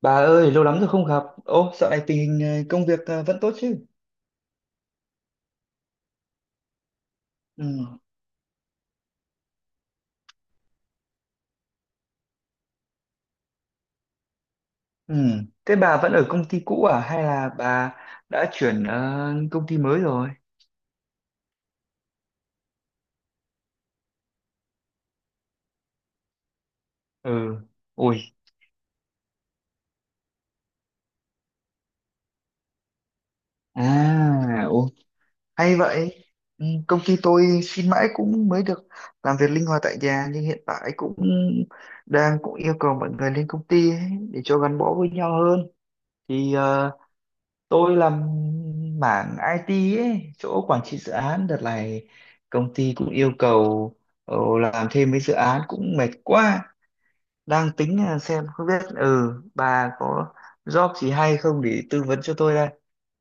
Bà ơi, lâu lắm rồi không gặp. Ô, dạo này tình hình công việc vẫn tốt chứ? Ừ. Ừ. Thế bà vẫn ở công ty cũ à? Hay là bà đã chuyển công ty mới rồi? Ừ. Ui. À, ô, hay vậy. Ừ, công ty tôi xin mãi cũng mới được làm việc linh hoạt tại nhà, nhưng hiện tại cũng đang cũng yêu cầu mọi người lên công ty ấy, để cho gắn bó với nhau hơn. Thì ờ, Tôi làm mảng IT ấy, chỗ quản trị dự án. Đợt này công ty cũng yêu cầu làm thêm mấy dự án cũng mệt quá. Đang tính là xem không biết ừ bà có job gì hay không để tư vấn cho tôi đây.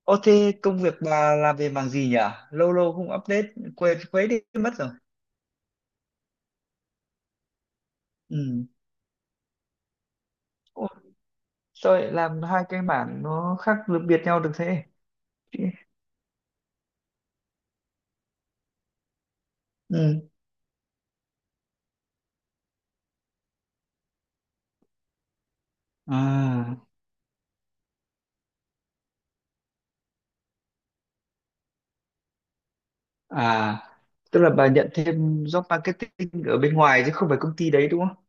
Ô, thế công việc bà làm về mảng gì nhỉ? Lâu lâu không update quên quấy đi mất rồi. Ừ. Ô, sao lại làm hai cái mảng nó khác biệt nhau được thế? Ừ. À. À, tức là bà nhận thêm job marketing ở bên ngoài chứ không phải công ty đấy đúng không?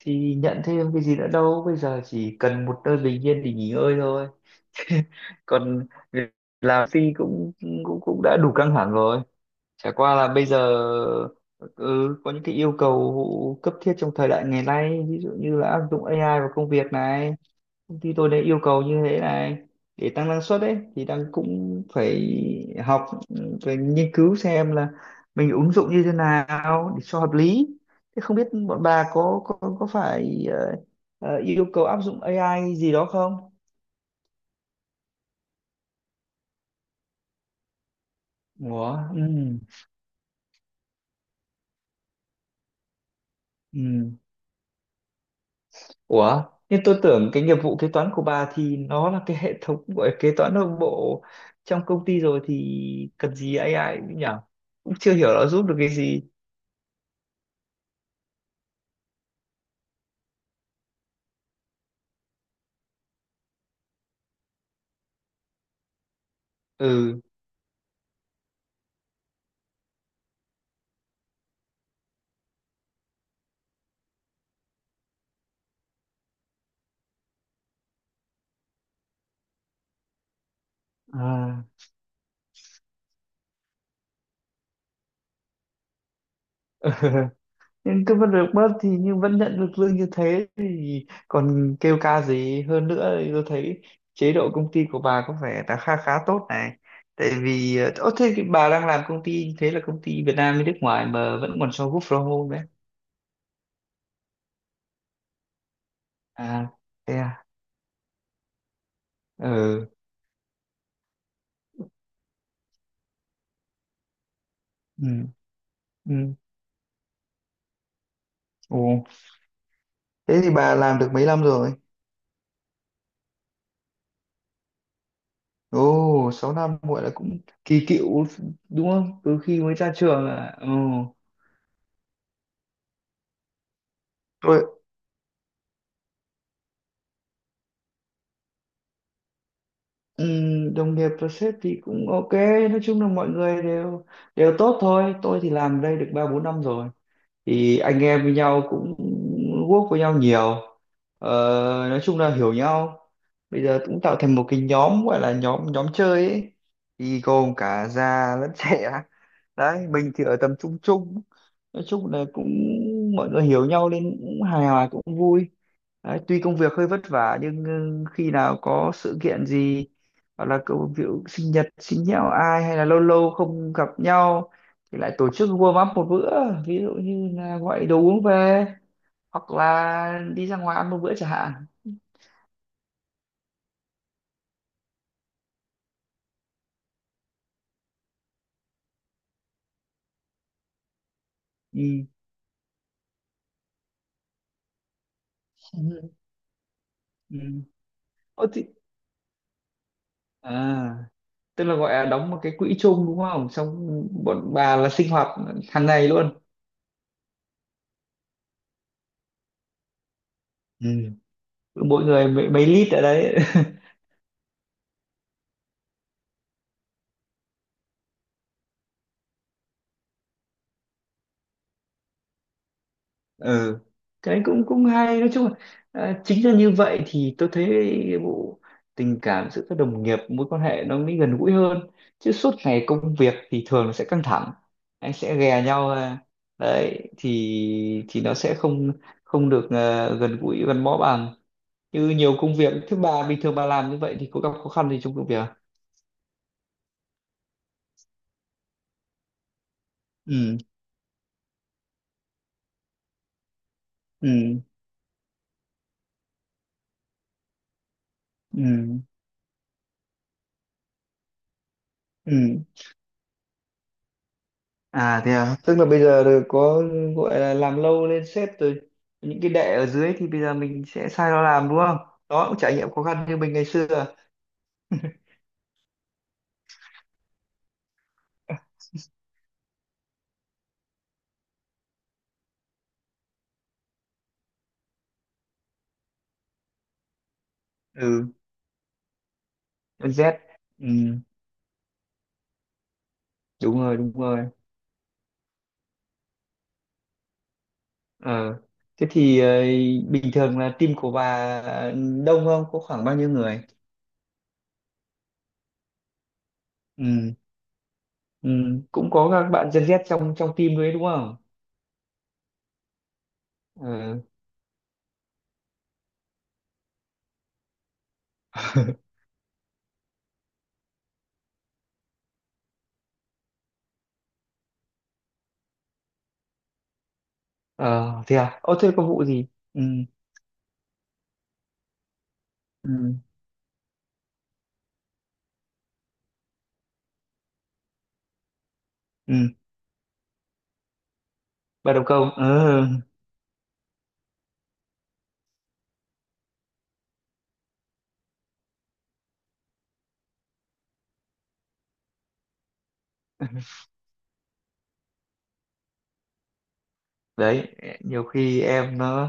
Thì nhận thêm cái gì nữa đâu, bây giờ chỉ cần một nơi bình yên để nghỉ ngơi thôi. Còn việc làm phi cũng cũng cũng đã đủ căng thẳng rồi. Chả qua là bây giờ ừ, có những cái yêu cầu cấp thiết trong thời đại ngày nay, ví dụ như là áp dụng AI vào công việc này. Công ty tôi đã yêu cầu như thế này để tăng năng suất ấy, thì đang cũng phải học, phải nghiên cứu xem là mình ứng dụng như thế nào để cho hợp lý. Thế không biết bọn bà có phải yêu cầu áp dụng AI gì đó không? Ủa, ừ, ừ. Ủa, nhưng tôi tưởng cái nghiệp vụ kế toán của bà thì nó là cái hệ thống gọi kế toán nội bộ trong công ty rồi thì cần gì AI nhỉ, cũng chưa hiểu nó giúp được cái gì. Ừ. À. Nhưng cứ vẫn được bớt thì, nhưng vẫn nhận được lương như thế thì còn kêu ca gì hơn nữa. Thì tôi thấy chế độ công ty của bà có vẻ là khá khá tốt này. Tại vì ờ, thế thì bà đang làm công ty như thế là công ty Việt Nam với nước ngoài mà vẫn còn cho work from home đấy? À, thế à. Ừ. Ừ. Ừ. Ồ, thế thì bà làm được mấy năm rồi? Ồ, 6 năm gọi là cũng kỳ cựu, đúng không, từ khi mới ra trường à? Ồ. Tôi. Ừ, đồng nghiệp và sếp thì cũng ok, nói chung là mọi người đều đều tốt thôi. Tôi thì làm đây được 3 4 năm rồi, thì anh em với nhau cũng work với nhau nhiều, ờ, nói chung là hiểu nhau. Bây giờ cũng tạo thành một cái nhóm, gọi là nhóm nhóm chơi ấy, thì gồm cả già lẫn trẻ. Đấy, mình thì ở tầm trung trung, nói chung là cũng mọi người hiểu nhau nên cũng hài hòa, cũng vui. Đấy, tuy công việc hơi vất vả nhưng ừ, khi nào có sự kiện gì, hoặc là cậu ví sinh nhật sinh nhạo ai, hay là lâu lâu không gặp nhau, thì lại tổ chức warm up một bữa, ví dụ như là gọi đồ uống về, hoặc là đi ra ngoài ăn một bữa chẳng hạn. Ừ. Ừ. Ừ. Ô, thì... À, tức là gọi là đóng một cái quỹ chung đúng không, xong bọn bà là sinh hoạt hàng ngày luôn. Ừ. Mỗi người mấy lít ở đấy. Ừ, cái cũng cũng hay, nói chung là à, chính là như vậy thì tôi thấy bộ tình cảm giữa các đồng nghiệp, mối quan hệ nó mới gần gũi hơn. Chứ suốt ngày công việc thì thường nó sẽ căng thẳng, anh sẽ ghè nhau à. Đấy thì nó sẽ không không được à, gần gũi gắn bó bằng. Như nhiều công việc thứ ba bình thường, bà làm như vậy thì có gặp khó khăn gì trong công việc không? Ừ. Ừ. Ừ. Ừ. À, thế à, tức là bây giờ rồi có, gọi là làm lâu lên sếp rồi, những cái đệ ở dưới thì bây giờ mình sẽ sai nó làm đúng không? Đó cũng trải nghiệm khó khăn như mình ngày xưa. Ừ, con Z. Ừ, đúng rồi, đúng rồi. Ờ. Thế thì bình thường là team của bà đông không? Có khoảng bao nhiêu người? Ừ, ừ. Cũng có các bạn Gen Z trong trong team đấy đúng không? Ờ. Ờ, thế à? Ô, thế có vụ gì? Ừ, ừ, ừ. Bà đầu câu. Ừ. Đấy, nhiều khi em nó,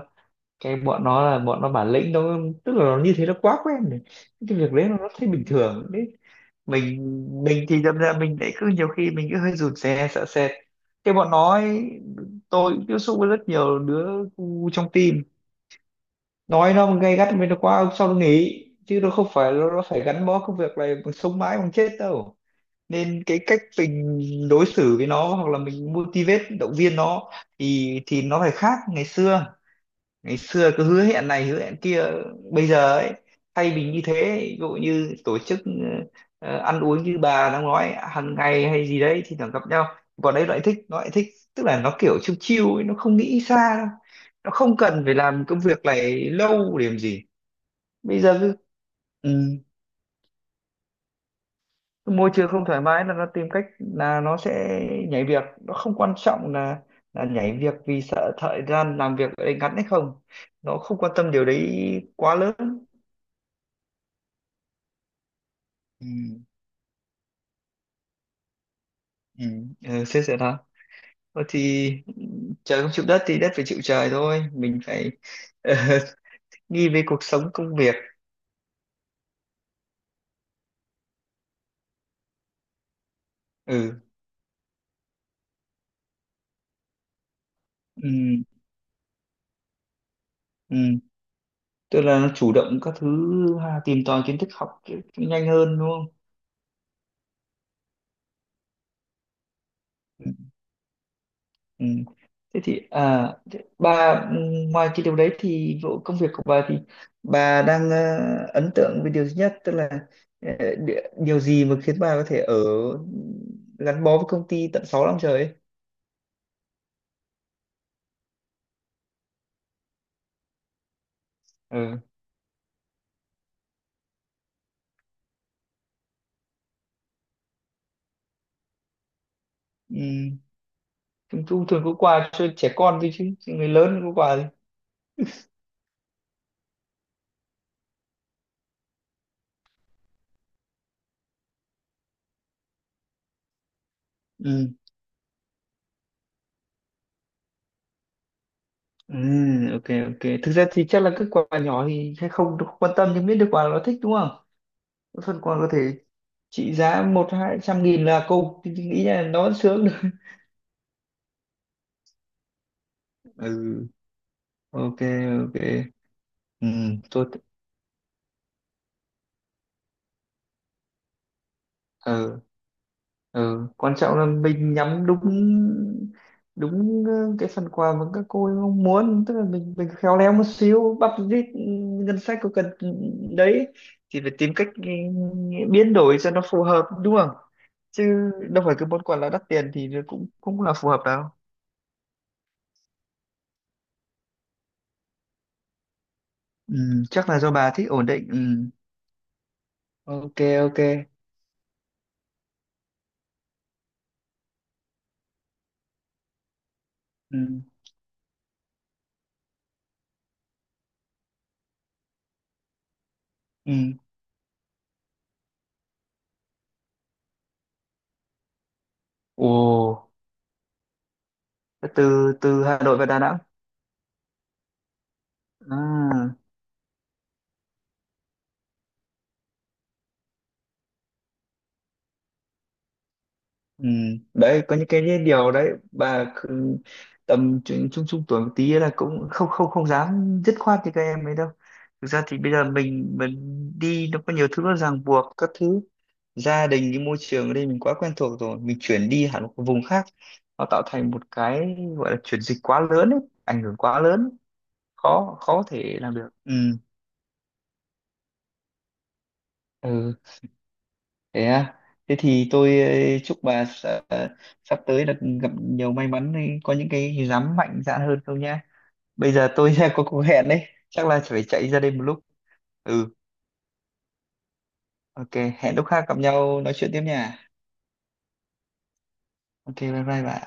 cái bọn nó là bọn nó bản lĩnh, nó tức là nó như thế, nó quá quen rồi, cái việc đấy nó thấy bình thường đấy. Mình thì đâm ra mình lại cứ nhiều khi mình cứ hơi rụt rè, sợ sệt cái bọn nó ấy. Tôi cũng tiếp xúc với rất nhiều đứa trong team, nói nó gay gắt với nó quá sau nó nghỉ, chứ nó không phải nó phải gắn bó công việc này bằng sống mãi bằng chết đâu. Nên cái cách mình đối xử với nó, hoặc là mình motivate động viên nó, thì nó phải khác ngày xưa. Ngày xưa cứ hứa hẹn này hứa hẹn kia, bây giờ ấy, thay vì như thế, ví dụ như tổ chức ăn uống như bà đang nói hàng ngày hay gì đấy thì thường gặp nhau. Còn đấy nó lại thích, nó lại thích, tức là nó kiểu chill chill ấy, nó không nghĩ xa đâu. Nó không cần phải làm công việc này lâu để làm gì. Bây giờ cứ ừ, cái môi trường không thoải mái là nó tìm cách là nó sẽ nhảy việc. Nó không quan trọng là nhảy việc vì sợ thời gian làm việc ở đây ngắn hay không, nó không quan tâm điều đấy quá lớn. Ừ, ừ, ừ, xếp giờ đó. Ờ, thì ừ, trời không chịu đất thì đất phải chịu trời thôi, mình phải ờ, nghi về cuộc sống công việc. Ừ, ừ, ừ. Tức là nó chủ động các thứ, ha, tìm tòi kiến thức, học cái nhanh hơn đúng không. Ừ. Ừ. Thế thì à, thế bà ừ, ngoài cái điều đấy thì vụ công việc của bà thì bà đang ấn tượng với điều duy nhất, tức là ờ, đi- điều gì mà khiến bà có thể ở gắn bó với công ty tận 6 năm trời ấy? Ừ. Ừ. Trung thu thường có quà cho trẻ con thôi, chứ chứ người lớn không có quà gì. Ừ. Ừ. Ok, ok, thực ra thì chắc là các quà nhỏ thì hay không được quan tâm, nhưng biết được quà là nó thích đúng không. Cái phần quà có thể trị giá 100 200 nghìn là cùng thì nghĩ là nó vẫn sướng được. Ừ. Ok. Ok. Ừ. Tốt. Ừ. Ừ, quan trọng là mình nhắm đúng đúng cái phần quà mà các cô ấy mong muốn, tức là mình khéo léo một xíu, bắp rít ừ, ngân sách có cần ừ, đấy thì phải tìm cách ừ, biến đổi cho nó phù hợp đúng không, chứ đâu phải cứ món quà là đắt tiền thì nó cũng cũng là phù hợp đâu. Ừ, chắc là do bà thích ổn định ừ. Ok. Ok. Ừ. Ừ. Ồ, từ từ Hà Nội và Đà Nẵng à. Ừ, đấy có những cái điều đấy bà cứ- tầm trung trung trung tuổi một tí là cũng không không không dám dứt khoát như các em ấy đâu. Thực ra thì bây giờ mình đi nó có nhiều thứ nó ràng buộc các thứ, gia đình, cái môi trường ở đây mình quá quen thuộc rồi, mình chuyển đi hẳn một cái vùng khác nó tạo thành một cái gọi là chuyển dịch quá lớn ấy, ảnh hưởng quá lớn, khó khó thể làm được. Ừ. Ừ. Thế à? Thế thì tôi chúc bà sắp tới được gặp nhiều may mắn, có những cái dám mạnh dạn hơn không nhá. Bây giờ tôi có cuộc hẹn đấy, chắc là phải chạy ra đây một lúc. Ừ, ok, hẹn lúc khác gặp nhau nói chuyện tiếp nha. Ok, bye bye bà.